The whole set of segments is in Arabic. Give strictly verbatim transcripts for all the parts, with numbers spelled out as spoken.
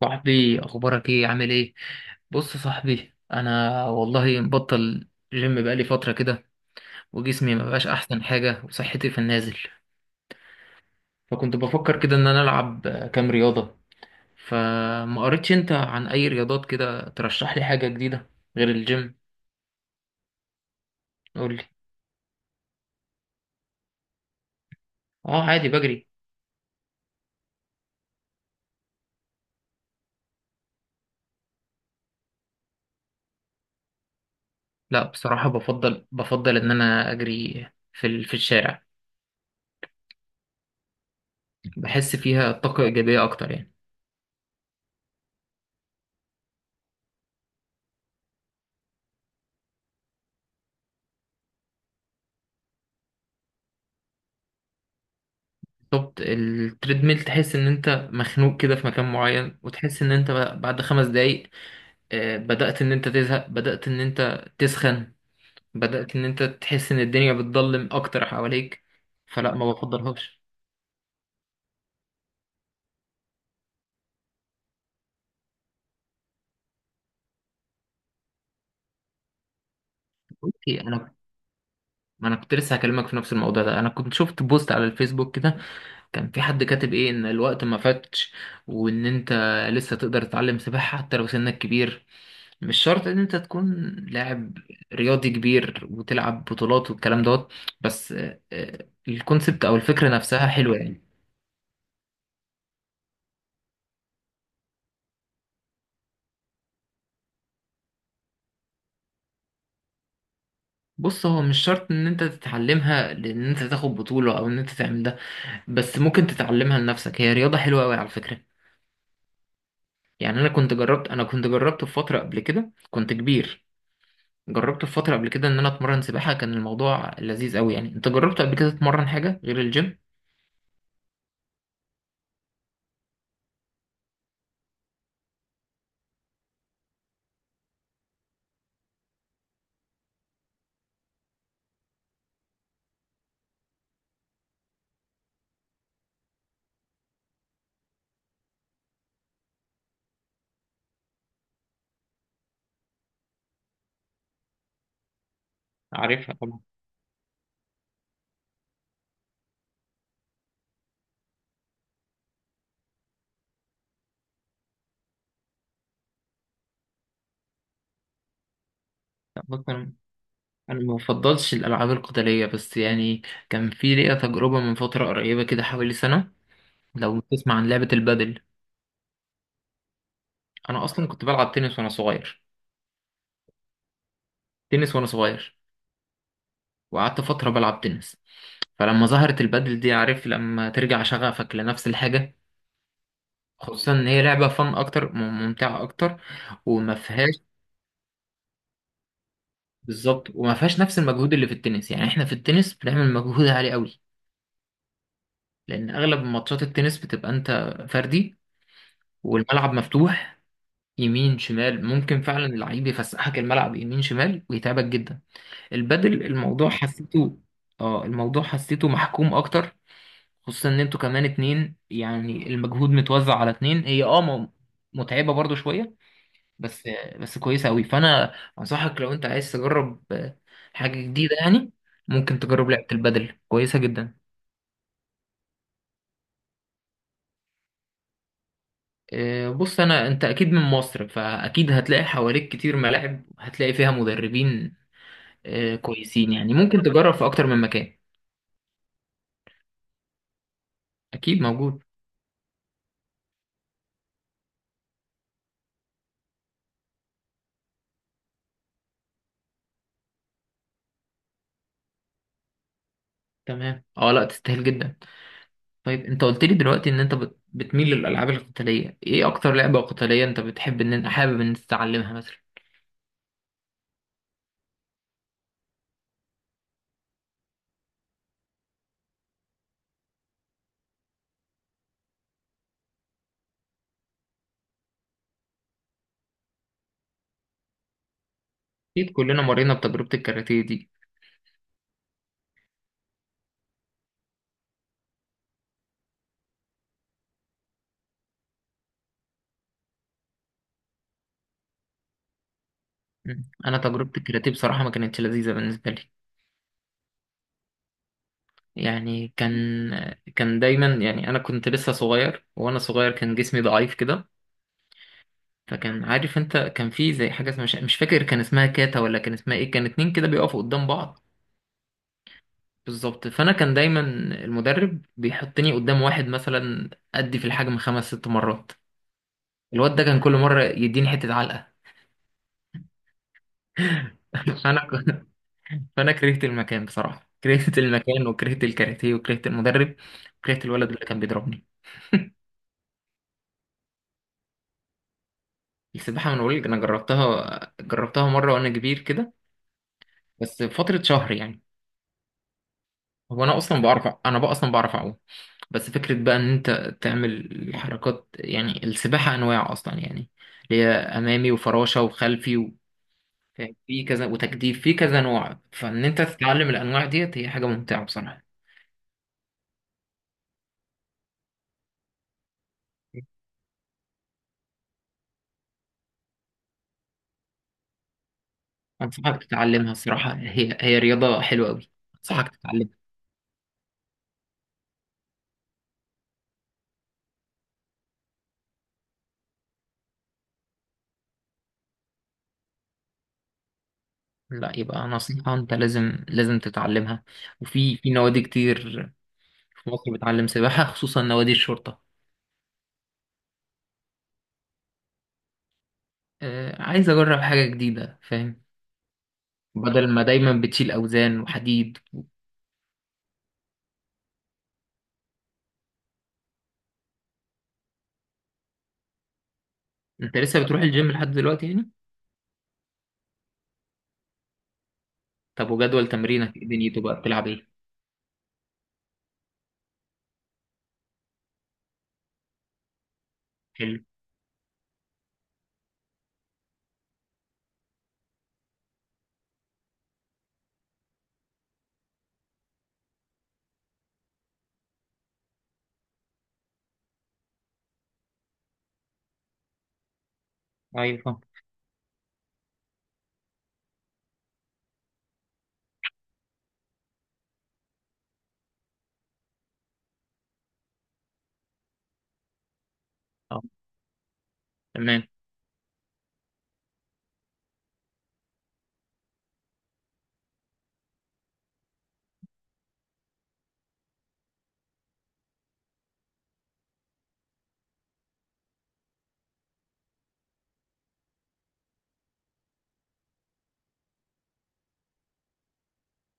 صاحبي، اخبارك ايه؟ عامل ايه؟ بص يا صاحبي، انا والله مبطل جيم بقالي فتره كده. وجسمي ما بقاش احسن حاجه، وصحتي في النازل. فكنت بفكر كده ان انا العب، آه، كام رياضه. فما قريتش انت عن اي رياضات كده، ترشح لي حاجه جديده غير الجيم. قول لي. اه، عادي بجري. لا بصراحه، بفضل بفضل ان انا اجري في ال- في الشارع. بحس فيها طاقه ايجابيه اكتر يعني. بالظبط، التريدميل تحس ان انت مخنوق كده في مكان معين، وتحس ان انت بقى- بعد خمس دقايق آه، بدأت ان انت تزهق، بدأت ان انت تسخن. بدأت ان انت تحس ان الدنيا بتضلم اكتر حواليك. فلا، ما بفضلهاش. اوكي. انا ما انا كنت لسه هكلمك في نفس الموضوع ده، انا كنت شفت بوست على الفيسبوك كده. كان في حد كاتب ايه ان الوقت ما فاتش، وان انت لسه تقدر تتعلم سباحة حتى لو سنك كبير. مش شرط ان انت تكون لاعب رياضي كبير وتلعب بطولات والكلام دوت. بس آه، آه، الكونسبت او الفكرة نفسها حلوة يعني. بص، هو مش شرط ان انت تتعلمها لان انت تاخد بطولة او ان انت تعمل ده. بس ممكن تتعلمها لنفسك، هي رياضة حلوة قوي على فكرة. يعني انا كنت جربت انا كنت جربت في فترة قبل كده، كنت كبير. جربت في فترة قبل كده ان انا اتمرن سباحة. كان الموضوع لذيذ قوي يعني. انت جربت قبل كده تتمرن حاجة غير الجيم؟ عارفها طبعا. بص، أنا- انا ما بفضلش الالعاب القتاليه بس يعني. كان في ليا تجربه من فتره قريبه كده، حوالي سنه. لو تسمع عن لعبه البادل. انا اصلا كنت بلعب تنس وانا صغير. تنس وانا صغير. وقعدت فتره بلعب تنس. فلما ظهرت البادل دي، عارف لما ترجع شغفك لنفس الحاجه. خصوصا ان هي لعبه فن اكتر، م- ممتعه اكتر، وما فيهاش. بالظبط، وما فيهاش نفس المجهود اللي في التنس، يعني احنا في التنس بنعمل مجهود عالي قوي. لان اغلب ماتشات التنس بتبقى انت فردي، والملعب مفتوح. يمين شمال، ممكن فعلا اللعيب يفسحك الملعب يمين شمال ويتعبك جدا. البدل الموضوع حسيته. اه، الموضوع حسيته محكوم اكتر. خصوصا ان انتوا كمان اتنين، يعني المجهود متوزع على اتنين. هي اه م- متعبة برضو شوية. بس بس كويسة قوي، فانا انصحك لو انت عايز تجرب آه، حاجة جديدة يعني. ممكن تجرب لعبة البدل، كويسة جدا. آه، بص، انا انت اكيد من مصر فاكيد هتلاقي حواليك كتير ملاعب، هتلاقي فيها مدربين آه، كويسين، يعني ممكن تجرب في اكتر من مكان. اكيد موجود. تمام. اه، لا، تستاهل جدا. طيب، انت قلت لي دلوقتي ان انت بت- بتميل للالعاب القتاليه. ايه اكتر لعبه قتاليه انت بتحب ان انت حابب ان انت تتعلمها مثلا؟ اكيد كلنا مرينا بتجربه الكاراتيه دي. مم. انا تجربه الكاراتيه بصراحه ما كانتش لذيذه بالنسبه لي. يعني كان، كان دايما يعني، انا كنت لسه صغير، وانا صغير كان جسمي ضعيف كده. فكان، عارف انت، كان في زي حاجه اسمها، مش مش فاكر كان اسمها كاتا ولا كان اسمها ايه. كان اتنين كده بيقفوا قدام بعض. بالظبط. فانا كان دايما المدرب بيحطني قدام واحد مثلا ادي في الحجم خمس ست مرات. الواد ده كان كل مره يديني حته علقه. فانا ك- فانا كرهت المكان بصراحه، كرهت المكان وكرهت الكاراتيه وكرهت المدرب وكرهت الولد اللي كان بيضربني. السباحه، من اقول، انا جربتها جربتها مره وانا كبير كده. بس فتره شهر يعني. هو انا اصلا بعرف، انا بقى اصلا بعرف اعوم. بس فكره بقى ان انت تعمل حركات، يعني السباحه انواع اصلا يعني. اللي هي امامي وفراشه وخلفي. في في كذا وتجديف في كذا نوع. فان انت تتعلم الانواع ديت هي حاجه ممتعه بصراحه. انصحك تتعلمها، الصراحه هي هي رياضه حلوه قوي. انصحك تتعلمها. لا، يبقى نصيحه، انت لازم لازم تتعلمها. وفي في نوادي كتير في مصر بتعلم سباحه، خصوصا نوادي الشرطه. آه عايز اجرب حاجه جديده، فاهم. بدل ما دايما بتشيل اوزان وحديد. انت لسه بتروح الجيم لحد دلوقتي يعني؟ طب وجدول تمرينك ايه دنيته بقى؟ بتلعب ايه؟ حلو. ايوه، فاهم. آه، تمام.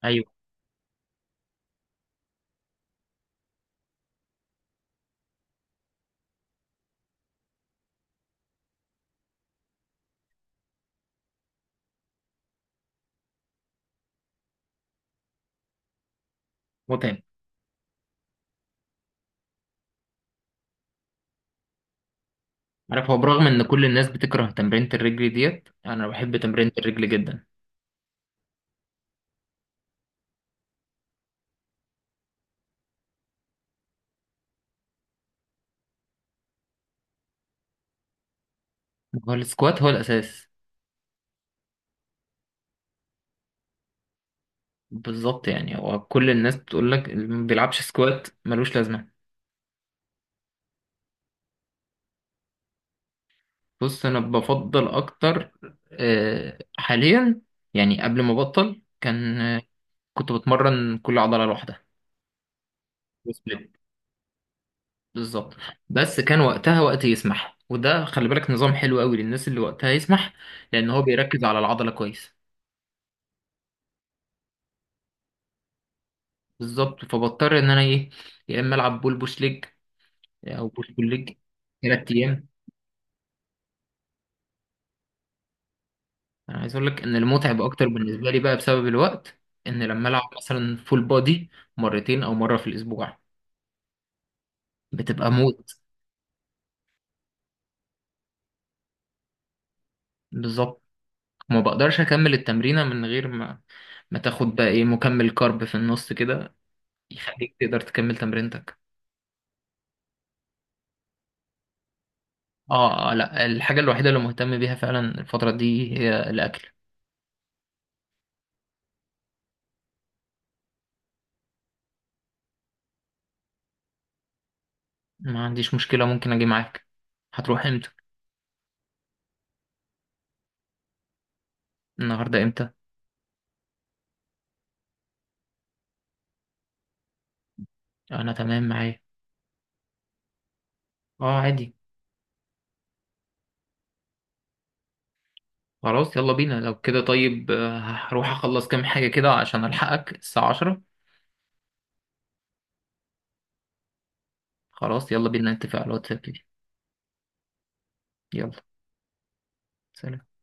ايوه. متعب. عارف، هو برغم ان كل الناس بتكره تمرينة الرجل ديت، انا بحب تمرينة الرجل جدا. هو السكوات هو الاساس. بالظبط، يعني هو كل الناس بتقول لك اللي ما بيلعبش سكوات ملوش لازمة. بص، انا بفضل اكتر آه، حاليا. يعني قبل ما ابطل كان، آه، كنت بتمرن كل عضلة لوحدها، وسبليت. بالظبط. بس كان وقتها وقت يسمح، وده خلي بالك نظام حلو قوي للناس اللي وقتها يسمح. لان هو بيركز على العضلة كويس. بالظبط، فبضطر ان انا ايه، يا اما العب بول بوش ليج، او بوش بول ليج ثلاث ايام. انا عايز اقول لك ان المتعب اكتر بالنسبه لي بقى بسبب الوقت. ان لما العب مثلا فول بودي مرتين او مره في الاسبوع، بتبقى موت. بالظبط. وما بقدرش اكمل التمرينه من غير ما ما تاخد بقى ايه، مكمل كارب في النص كده يخليك تقدر تكمل تمرينتك. اه. آه، لا، الحاجه الوحيده اللي مهتم بيها فعلا الفتره دي هي الاكل. ما عنديش مشكله، ممكن اجي معاك. هتروح امتى؟ النهارده امتى؟ انا تمام معايا. اه، عادي. خلاص، يلا بينا لو كده. طيب آه، هروح اخلص كام حاجة كده عشان الحقك الساعة عشرة. خلاص، يلا بينا نتفق على الواتساب دي. يلا. سلام.